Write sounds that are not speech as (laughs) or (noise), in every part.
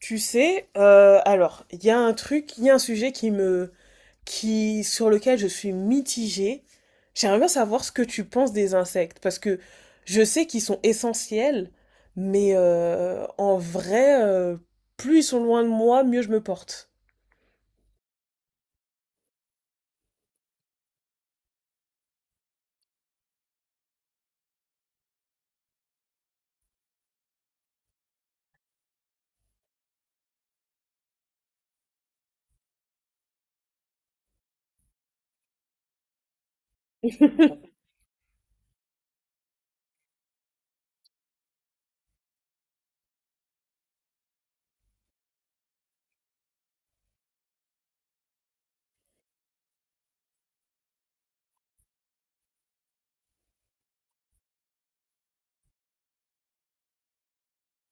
Alors, il y a un truc, il y a un sujet qui me, qui, sur lequel je suis mitigée. J'aimerais bien savoir ce que tu penses des insectes, parce que je sais qu'ils sont essentiels, mais en vrai, plus ils sont loin de moi, mieux je me porte.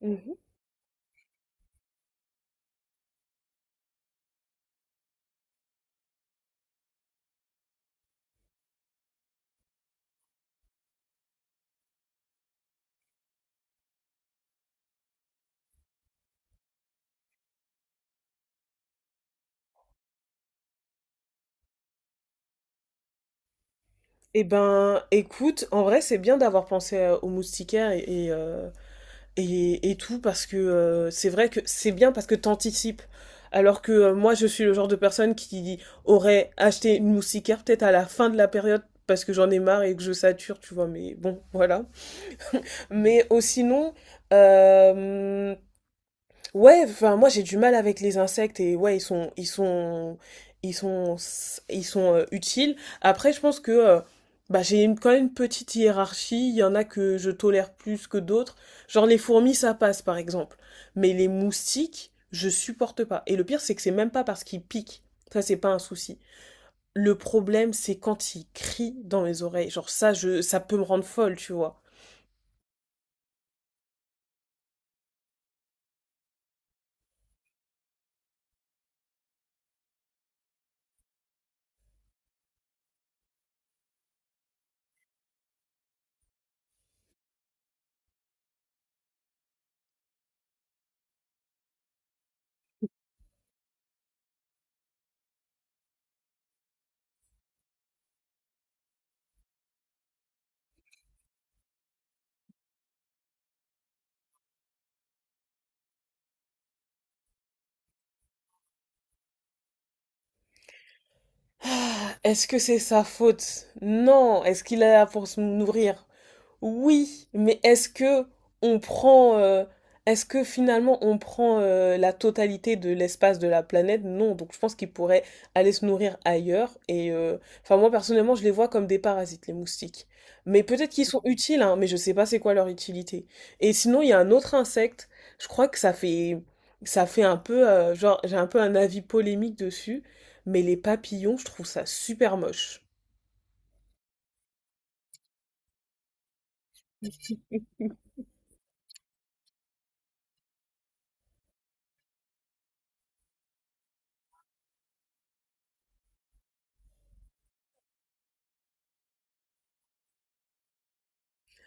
Mhm. Eh ben, écoute, en vrai, c'est bien d'avoir pensé aux moustiquaires et, euh, et tout parce que c'est vrai que c'est bien parce que t'anticipes. Alors que moi, je suis le genre de personne qui aurait acheté une moustiquaire peut-être à la fin de la période parce que j'en ai marre et que je sature, tu vois, mais bon, voilà. Mais oh, sinon, euh, ouais, enfin moi j'ai du mal avec les insectes et ouais ils sont ils sont utiles. Après je pense que bah quand même une petite hiérarchie, il y en a que je tolère plus que d'autres. Genre les fourmis ça passe par exemple, mais les moustiques, je supporte pas. Et le pire c'est que c'est même pas parce qu'ils piquent. Ça c'est pas un souci. Le problème c'est quand ils crient dans mes oreilles. Genre ça peut me rendre folle, tu vois. Est-ce que c'est sa faute? Non, est-ce qu'il est là pour se nourrir? Oui, mais est-ce que on prend, est-ce que finalement on prend la totalité de l'espace de la planète? Non, donc je pense qu'ils pourraient aller se nourrir ailleurs. Et enfin moi personnellement, je les vois comme des parasites, les moustiques. Mais peut-être qu'ils sont utiles, hein, mais je sais pas c'est quoi leur utilité. Et sinon, il y a un autre insecte. Je crois que ça fait un peu, genre j'ai un peu un avis polémique dessus, mais les papillons, je trouve ça super moche.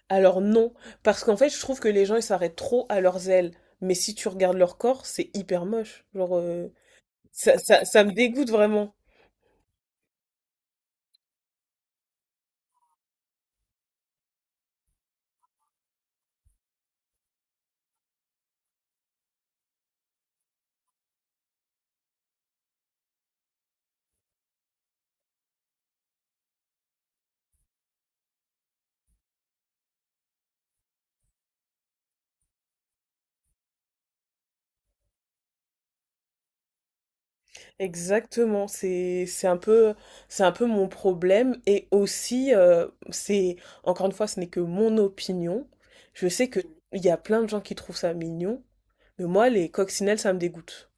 Alors non, parce qu'en fait, je trouve que les gens, ils s'arrêtent trop à leurs ailes. Mais si tu regardes leur corps, c'est hyper moche. Genre, ça me dégoûte vraiment. Exactement, c'est un peu mon problème et aussi c'est encore une fois ce n'est que mon opinion. Je sais que il y a plein de gens qui trouvent ça mignon, mais moi les coccinelles ça me dégoûte.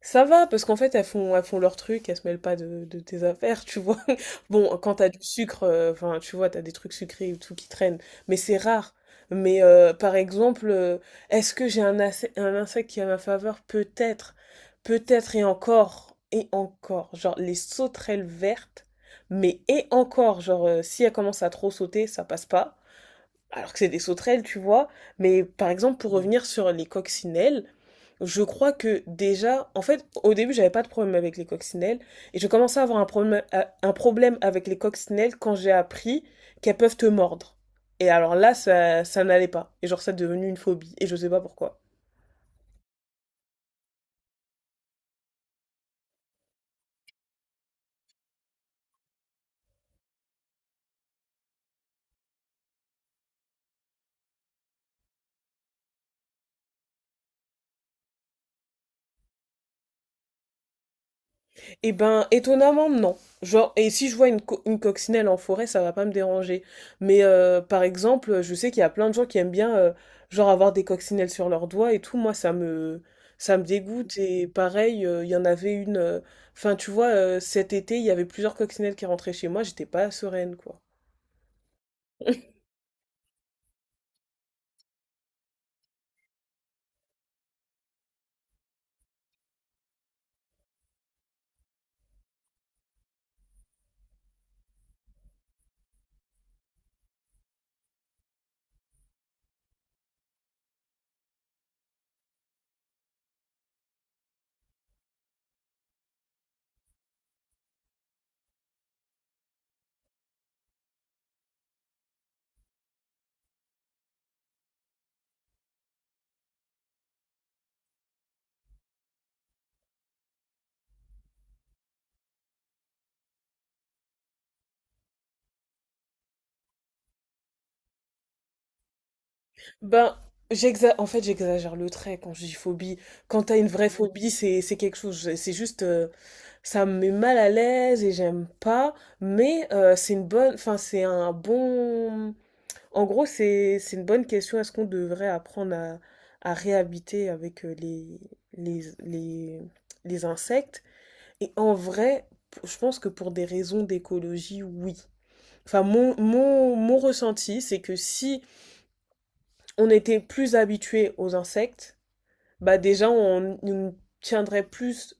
Ça va, parce qu'en fait, elles font leur truc, elles se mêlent pas de, de tes affaires, tu vois. (laughs) Bon, quand t'as du sucre, enfin, tu vois, t'as des trucs sucrés ou tout qui traînent, mais c'est rare. Mais par exemple, est-ce que un insecte qui est à ma faveur? Peut-être, peut-être et encore, et encore. Genre, les sauterelles vertes, mais et encore, genre, si elles commencent à trop sauter, ça passe pas. Alors que c'est des sauterelles, tu vois. Mais par exemple, pour revenir sur les coccinelles, je crois que déjà, en fait, au début, j'avais pas de problème avec les coccinelles. Et je commençais à avoir un problème, avec les coccinelles quand j'ai appris qu'elles peuvent te mordre. Et alors là, ça n'allait pas. Et genre, ça est devenu une phobie. Et je sais pas pourquoi. Eh ben, étonnamment, non. Genre, et si je vois une coccinelle en forêt, ça va pas me déranger. Mais par exemple, je sais qu'il y a plein de gens qui aiment bien, genre, avoir des coccinelles sur leurs doigts et tout. Ça me dégoûte. Et pareil, il y en avait une. Enfin, tu vois, cet été, il y avait plusieurs coccinelles qui rentraient chez moi. J'étais pas sereine, quoi. (laughs) Ben, en fait, j'exagère le trait quand je dis phobie. Quand t'as une vraie phobie, c'est quelque chose. C'est juste, ça me met mal à l'aise et j'aime pas. Mais c'est un bon. En gros, c'est une bonne question. Est-ce qu'on devrait apprendre à réhabiter avec les les les insectes? Et en vrai, je pense que pour des raisons d'écologie, oui. Enfin, mon ressenti, c'est que si on était plus habitué aux insectes, bah déjà on nous tiendrait plus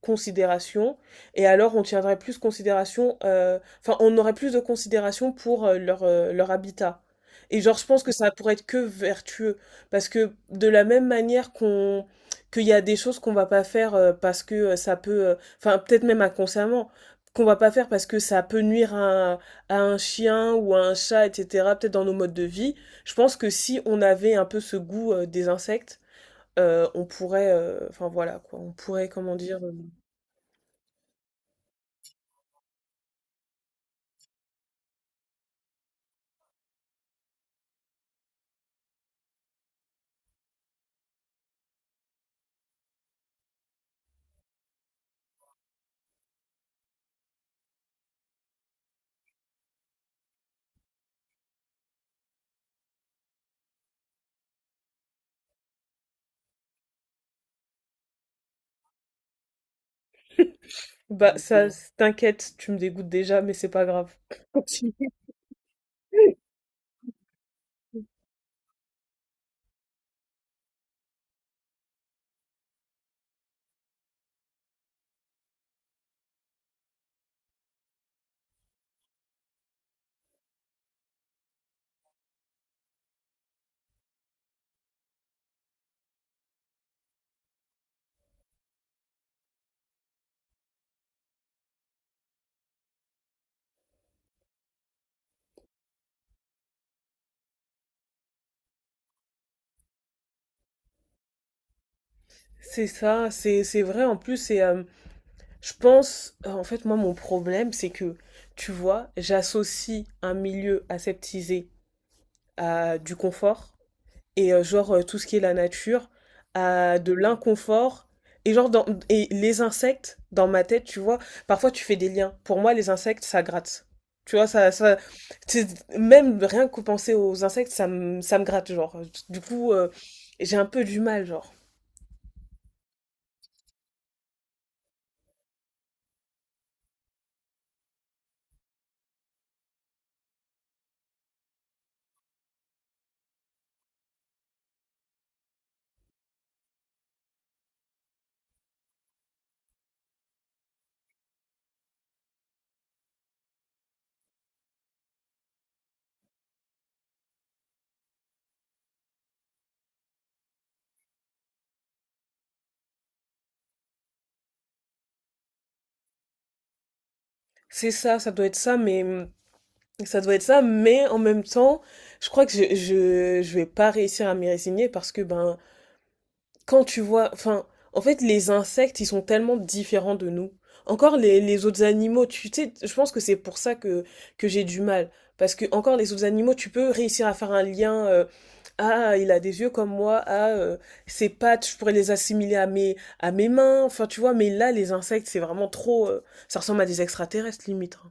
considération et alors on tiendrait plus considération on aurait plus de considération pour leur habitat. Et genre je pense que ça pourrait être que vertueux parce que de la même manière qu'il y a des choses qu'on va pas faire parce que ça peut enfin peut-être même inconsciemment qu'on va pas faire parce que ça peut nuire à un chien ou à un chat, etc., peut-être dans nos modes de vie. Je pense que si on avait un peu ce goût des insectes, on pourrait, enfin voilà quoi, on pourrait, comment dire, bah ça, t'inquiète, tu me dégoûtes déjà, mais c'est pas grave. C'est ça, c'est vrai en plus, et je pense, en fait, moi mon problème, c'est que, tu vois, j'associe un milieu aseptisé à du confort, et tout ce qui est la nature à de l'inconfort et genre dans et les insectes dans ma tête, tu vois, parfois tu fais des liens. Pour moi les insectes ça gratte, tu vois. Même rien que penser aux insectes ça me gratte. Genre du coup j'ai un peu du mal, genre c'est ça, ça doit être ça mais ça doit être ça, mais en même temps je crois que je vais pas réussir à m'y résigner parce que ben quand tu vois, enfin, en fait, les insectes, ils sont tellement différents de nous. Encore les autres animaux, tu sais, je pense que c'est pour ça que j'ai du mal. Parce que, encore les autres animaux, tu peux réussir à faire un lien. Ah, il a des yeux comme moi. Ah, ses pattes, je pourrais les assimiler à mes mains. Enfin, tu vois, mais là, les insectes, c'est vraiment trop. Ça ressemble à des extraterrestres, limite, hein.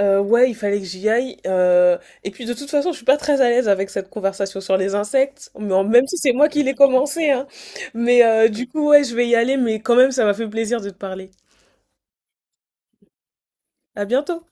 Ouais, il fallait que j'y aille. Et puis de toute façon, je suis pas très à l'aise avec cette conversation sur les insectes, mais même si c'est moi qui l'ai commencé, hein. Mais ouais, je vais y aller, mais quand même, ça m'a fait plaisir de te parler. À bientôt.